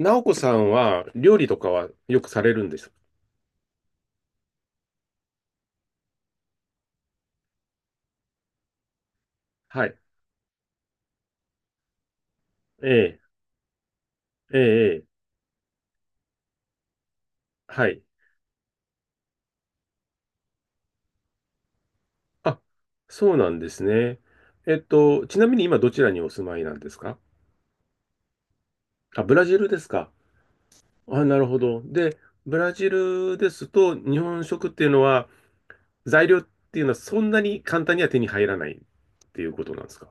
なおこさんは料理とかはよくされるんですか？はい。ええ、ええ、ええ、はい。あ、そうなんですね。ちなみに今どちらにお住まいなんですか？あ、ブラジルですか。あ、なるほど。で、ブラジルですと日本食っていうのは材料っていうのはそんなに簡単には手に入らないっていうことなんですか？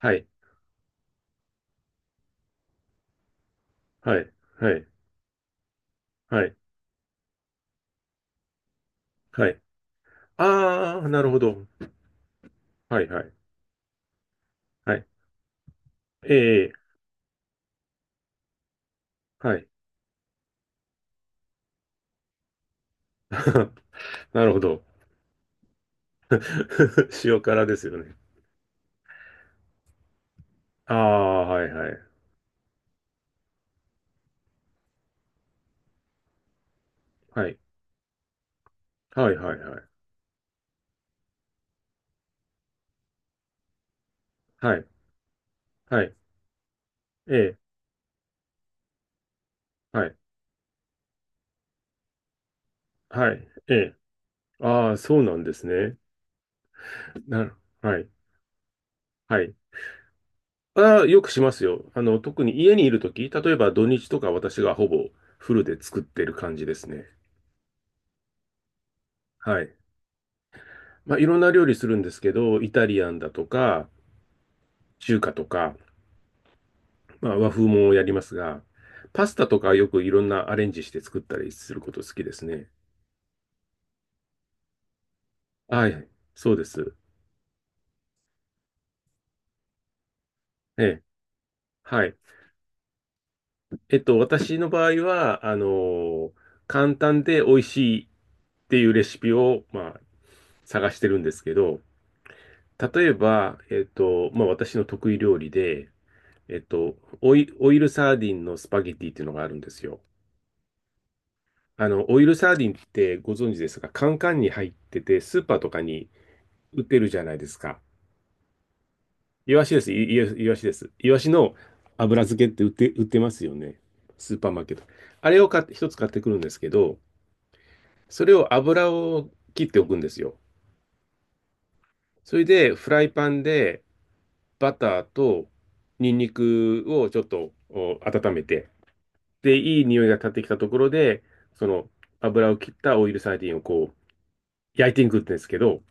はい、はい、はい、はい、はい。ああ、なるほど。はい、はい、はい。ええ、はい。なるほど。塩辛ですよね。ああ、はいはい。はい。はいはいはい。はい。はい。ええ。はい。はい。ええ。ああ、そうなんですね。なる、はい。はい。ああ、よくしますよ。あの、特に家にいるとき、例えば土日とか私がほぼフルで作ってる感じですね。はい。まあ、いろんな料理するんですけど、イタリアンだとか、中華とか、まあ、和風もやりますが、パスタとかよくいろんなアレンジして作ったりすること好きですね。はい。そうです。ええ、はい。私の場合は、あの、簡単で美味しいっていうレシピを、まあ、探してるんですけど、例えば、まあ、私の得意料理で、えっと、オイルサーディンのスパゲティっていうのがあるんですよ。あの、オイルサーディンってご存知ですが、カンカンに入ってて、スーパーとかに売ってるじゃないですか。イワシです。イワシです。イワシの油漬けって売ってますよね。スーパーマーケット。あれを買って、一つ買ってくるんですけど、それを油を切っておくんですよ。それで、フライパンでバターとニンニクをちょっとお温めて、で、いい匂いが立ってきたところで、その油を切ったオイルサーディンをこう焼いていくんですけど、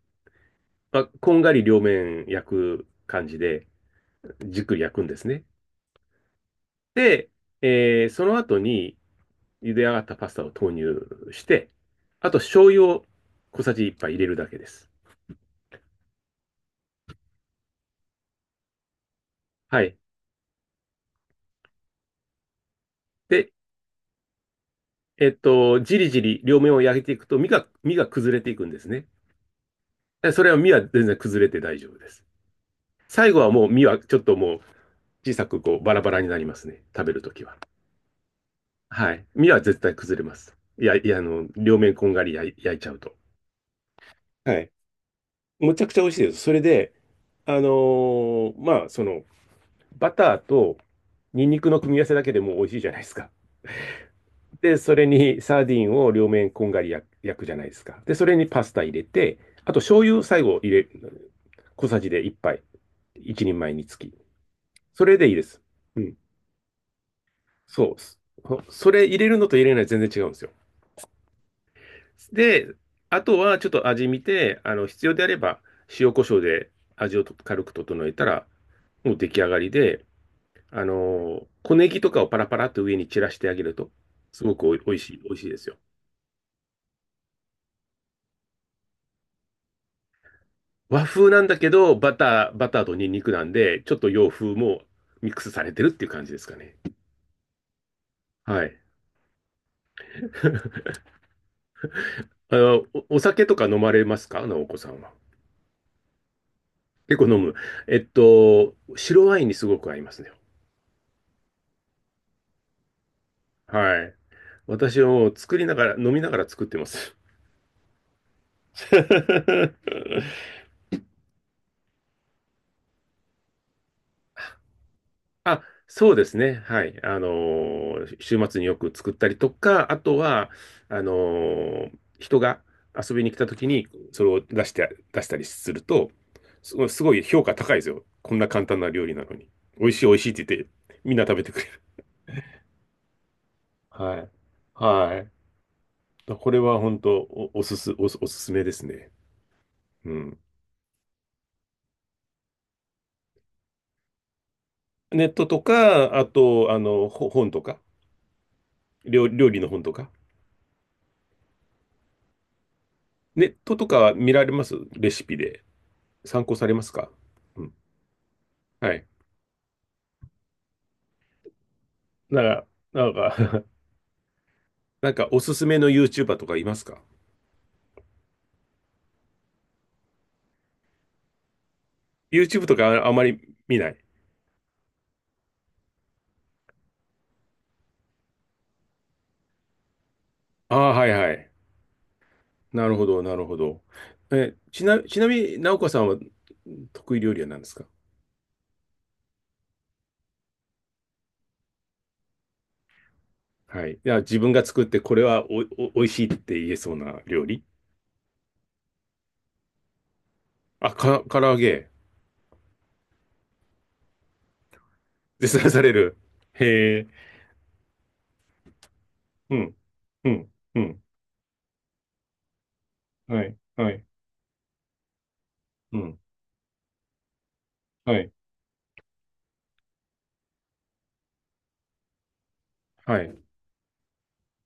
まあ、こんがり両面焼く感じで、じっくり焼くんですね。で、その後に茹で上がったパスタを投入して、あと醤油を小さじ1杯入れるだけです。はい。で、じりじり両面を焼いていくと身が崩れていくんですね。でそれは身は全然崩れて大丈夫です。最後はもう身はちょっともう小さくこうバラバラになりますね。食べるときは。はい。身は絶対崩れます。いや、いや、あの、両面こんがり焼いちゃうと。はい。むちゃくちゃ美味しいです。それで、あのーまあ、その、バターとニンニクの組み合わせだけでもう美味しいじゃないですか。で、それにサーディンを両面こんがり焼くじゃないですか。で、それにパスタ入れて、あと醤油最後入れ、小さじで1杯。一人前につき。それでいいです。うん。そうそれ入れるのと入れない全然違うんですよ。で、あとはちょっと味見て、あの、必要であれば塩コショウで味をと軽く整えたら、もう出来上がりで、あの小ネギとかをパラパラっと上に散らしてあげると、すごくおいしいですよ。和風なんだけど、バターとニンニクなんで、ちょっと洋風もミックスされてるっていう感じですかね。はい。あの、お酒とか飲まれますか直お子さんは？結構飲む。えっと、白ワインにすごく合いますね。はい。私はもう作りながら、飲みながら作ってます。あ、そうですね。はい。あのー週末によく作ったりとか、あとは、あのー人が遊びに来た時に、それを出して、出したりすると、すごい、すごい評価高いですよ。こんな簡単な料理なのに。美味しい、美味しいって言って、みんな食べてくれる。はい。はい。これは本当おすすめですね。うん。ネットとか、あと、あの、本とか、料理の本とか。ネットとか見られますレシピで。参考されますか？うん。はい。なんか、なんか なんかおすすめの YouTuber とかいますか ?YouTube とかああまり見ない。ああ、はいはい。なるほど、なるほど。え、ちなみに、直子さんは得意料理は何ですか？はい。いや、自分が作ってこれはおいしいって言えそうな料理。あ、唐揚げ。絶賛される。へえ。うん。うん。うん。はい。はい。うん。はい。はい。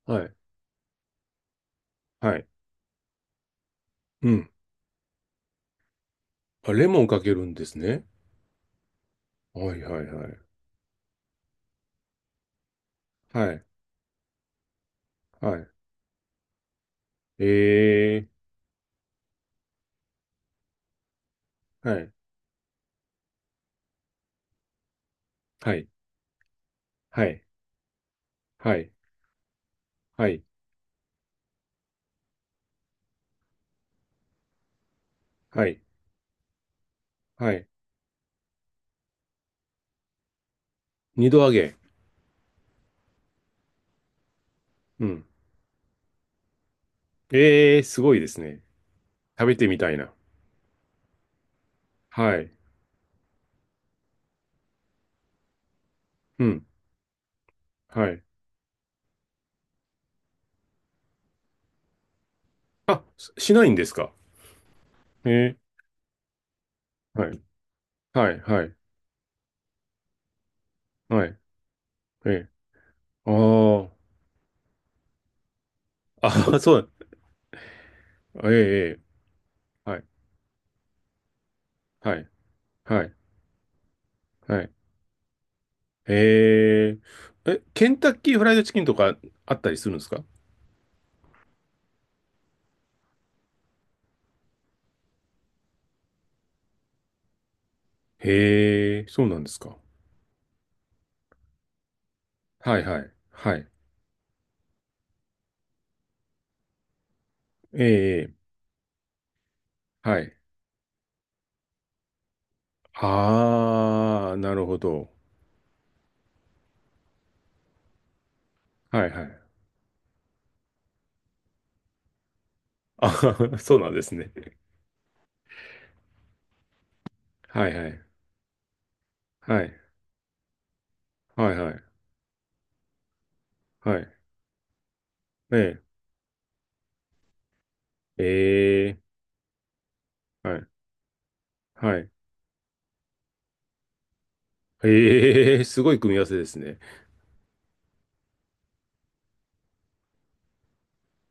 はい。はい。うん。あ、レモンかけるんですね。はいはいはい。はい。はい。えー。はい。はい。はい。はい。はい。はい。はい。二度揚げ。うん。えー、すごいですね。食べてみたいな。はい。うん。はい。あ、しないんですか？えー。はい。はい。はい。はい。えー。あー。あ、そう。えー、えー。はい。はい。はい。はい。えー。え、ケンタッキーフライドチキンとかあったりするんですか？へえ、そうなんですか。はいはい。はい。ええ、はい。ああ、なるほど。はいはい。あ、そうなんですね。はいはい。はい。はいはい。はい。ねえ。ええ、はいえええ、すごい組み合わせですね。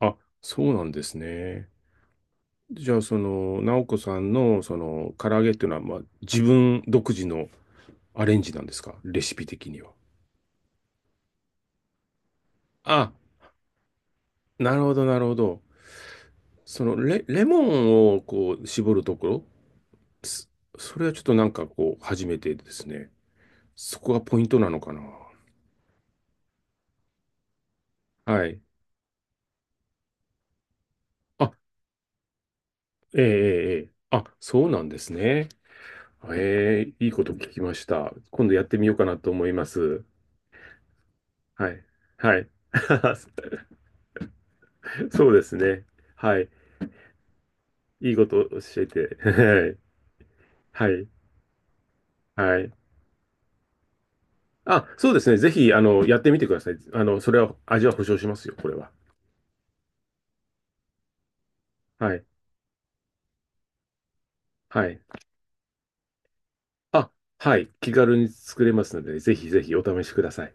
あ、そうなんですね。じゃあ、その、直子さんの、その、唐揚げっていうのは、まあ、自分独自のアレンジなんですかレシピ的には。あ、なるほど、なるほど。レモンをこう絞るところそそれはちょっとなんかこう、初めてですね。そこがポイントなのかな。はい。あ、ええ、ええ、ええあ、そうなんですね。ええ、いいこと聞きました。今度やってみようかなと思います。はい。はい。そうですね。はい。いいこと教えて。はい。はい。あ、そうですね。ぜひ、あの、やってみてください。あの、それは、味は保証しますよ、これは。はい。はい。あ、はい。気軽に作れますので、ぜひぜひお試しください。